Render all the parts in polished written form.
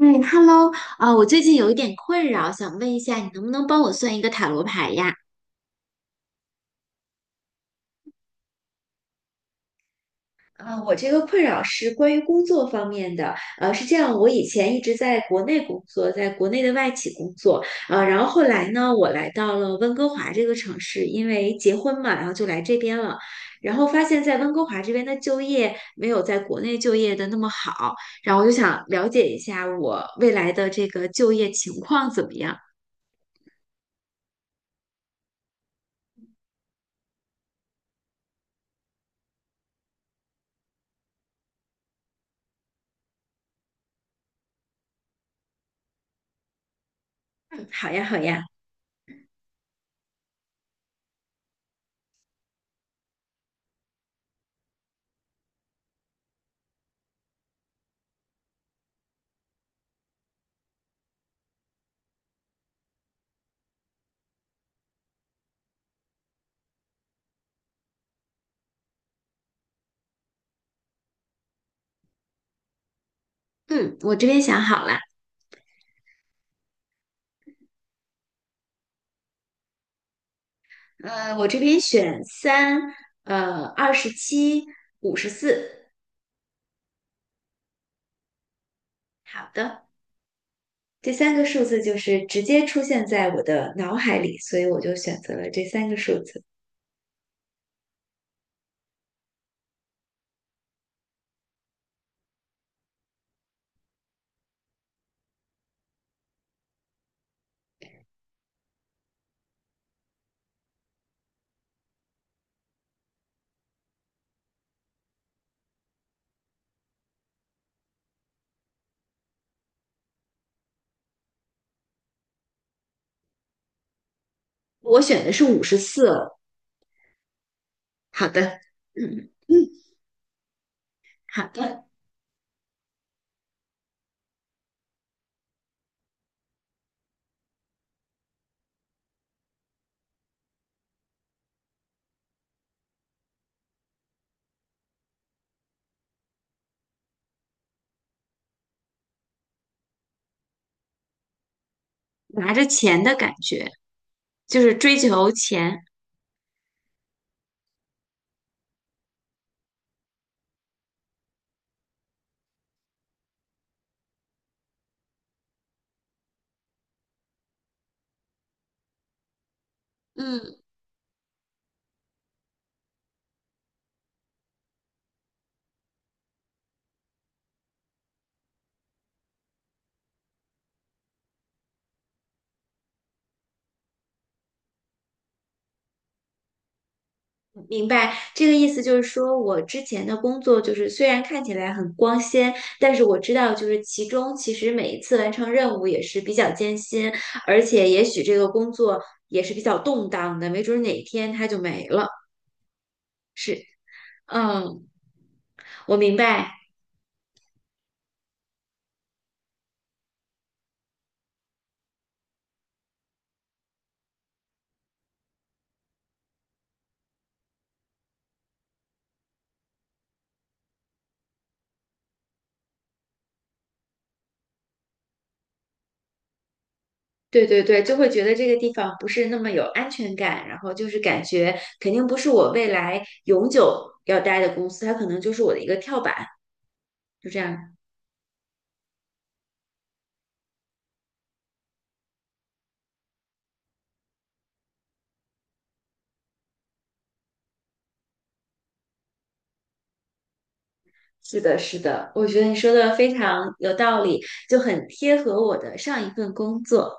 嗯，Hello，我最近有一点困扰，想问一下，你能不能帮我算一个塔罗牌呀？我这个困扰是关于工作方面的，是这样，我以前一直在国内工作，在国内的外企工作，然后后来呢，我来到了温哥华这个城市，因为结婚嘛，然后就来这边了，然后发现在温哥华这边的就业没有在国内就业的那么好，然后我就想了解一下我未来的这个就业情况怎么样。嗯，好呀，好呀。嗯，我这边想好了，我这边选三，27，五十四。好的，这三个数字就是直接出现在我的脑海里，所以我就选择了这三个数字。我选的是五十四。好的，嗯嗯，好的，拿着钱的感觉，就是追求钱。嗯。明白，这个意思就是说，我之前的工作就是虽然看起来很光鲜，但是我知道就是其中其实每一次完成任务也是比较艰辛，而且也许这个工作也是比较动荡的，没准儿哪一天它就没了。是，嗯，我明白。对对对，就会觉得这个地方不是那么有安全感，然后就是感觉肯定不是我未来永久要待的公司，它可能就是我的一个跳板，就这样。是的，是的，我觉得你说的非常有道理，就很贴合我的上一份工作。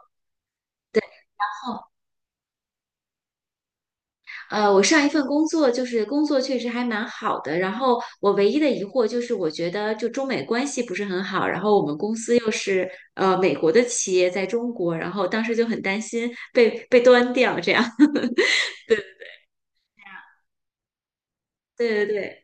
我上一份工作就是工作确实还蛮好的，然后我唯一的疑惑就是，我觉得就中美关系不是很好，然后我们公司又是美国的企业在中国，然后当时就很担心被端掉这样。对，对对对，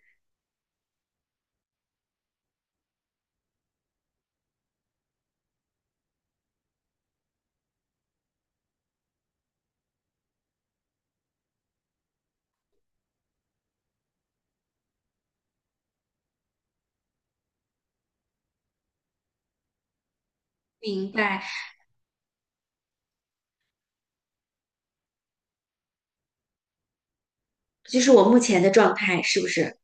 明白，就是我目前的状态是不是？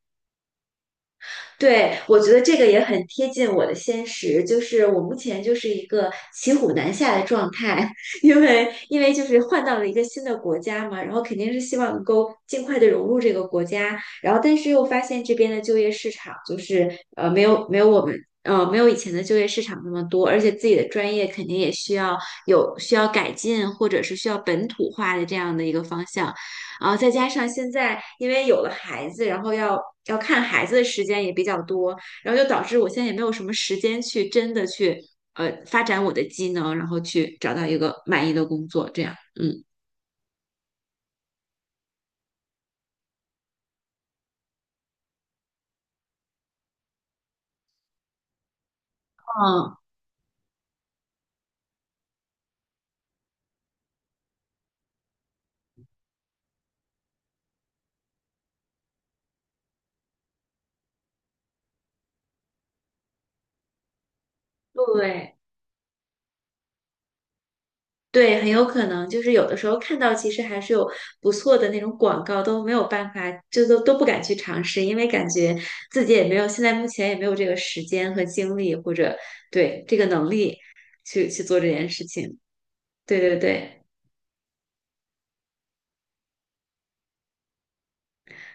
对，我觉得这个也很贴近我的现实，就是我目前就是一个骑虎难下的状态，因为就是换到了一个新的国家嘛，然后肯定是希望能够尽快的融入这个国家，然后但是又发现这边的就业市场就是没有我们没有以前的就业市场那么多，而且自己的专业肯定也需要需要改进或者是需要本土化的这样的一个方向，再加上现在因为有了孩子，然后要看孩子的时间也比较多，然后就导致我现在也没有什么时间去真的去发展我的技能，然后去找到一个满意的工作，这样，嗯。嗯，对对，很有可能就是有的时候看到，其实还是有不错的那种广告，都没有办法，就都不敢去尝试，因为感觉自己也没有，现在目前也没有这个时间和精力，或者对这个能力去做这件事情。对对对。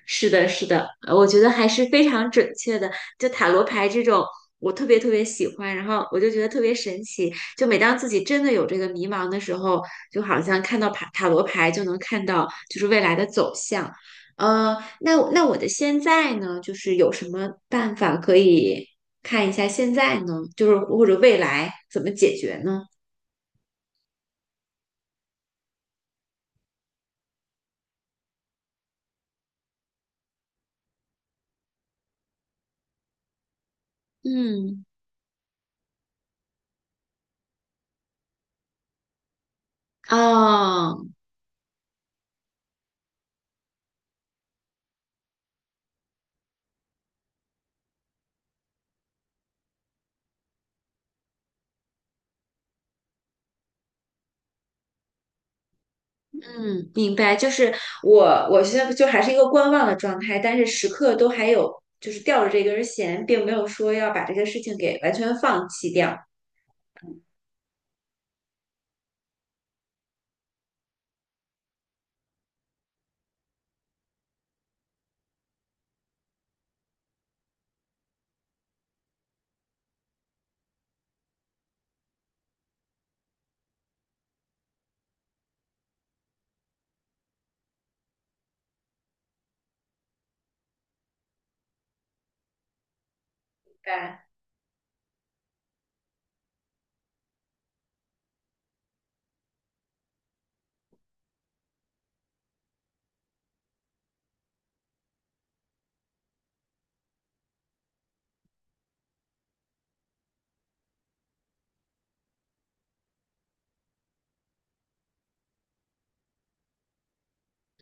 是的，是的，我觉得还是非常准确的。就塔罗牌这种，我特别特别喜欢，然后我就觉得特别神奇。就每当自己真的有这个迷茫的时候，就好像看到塔罗牌就能看到就是未来的走向。呃，那我的现在呢，就是有什么办法可以看一下现在呢？就是或者未来怎么解决呢？嗯，哦。嗯，明白，我，我现在就还是一个观望的状态，但是时刻都还有就是吊着这根弦，并没有说要把这个事情给完全放弃掉。明白，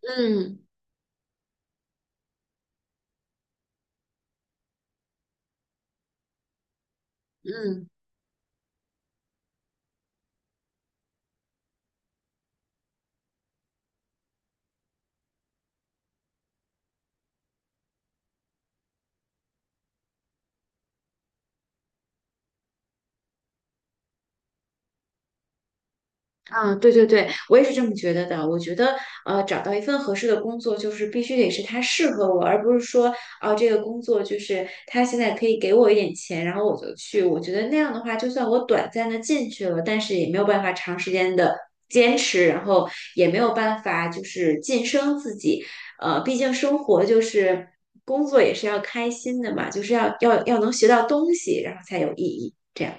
嗯嗯。对对对，我也是这么觉得的。我觉得，找到一份合适的工作，就是必须得是它适合我，而不是说，啊，这个工作就是它现在可以给我一点钱，然后我就去。我觉得那样的话，就算我短暂的进去了，但是也没有办法长时间的坚持，然后也没有办法就是晋升自己。毕竟生活就是工作也是要开心的嘛，就是要要能学到东西，然后才有意义。这样。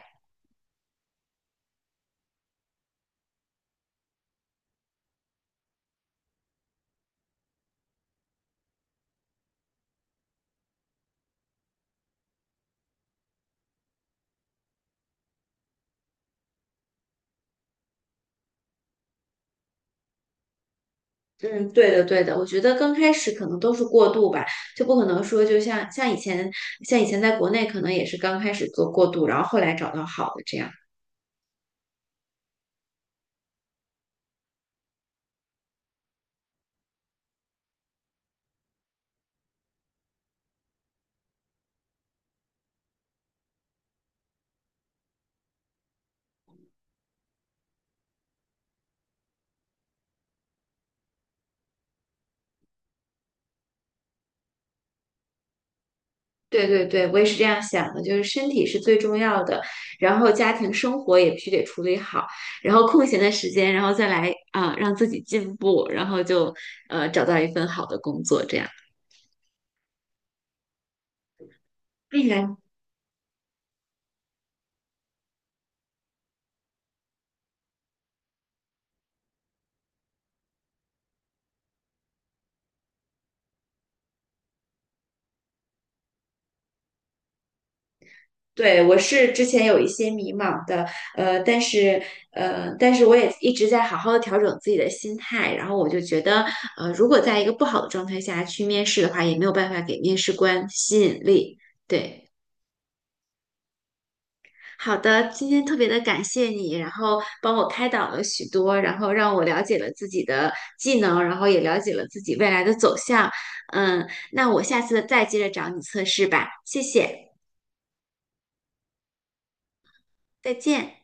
嗯，对的，对的，我觉得刚开始可能都是过渡吧，就不可能说就像以前，像以前在国内可能也是刚开始做过渡，然后后来找到好的这样。对对对，我也是这样想的，就是身体是最重要的，然后家庭生活也必须得处理好，然后空闲的时间，然后再来啊、让自己进步，然后就找到一份好的工作这样。哎呀，对，我是之前有一些迷茫的，呃，但是，但是我也一直在好好的调整自己的心态，然后我就觉得，如果在一个不好的状态下去面试的话，也没有办法给面试官吸引力。对，好的，今天特别的感谢你，然后帮我开导了许多，然后让我了解了自己的技能，然后也了解了自己未来的走向。嗯，那我下次再接着找你测试吧，谢谢，再见。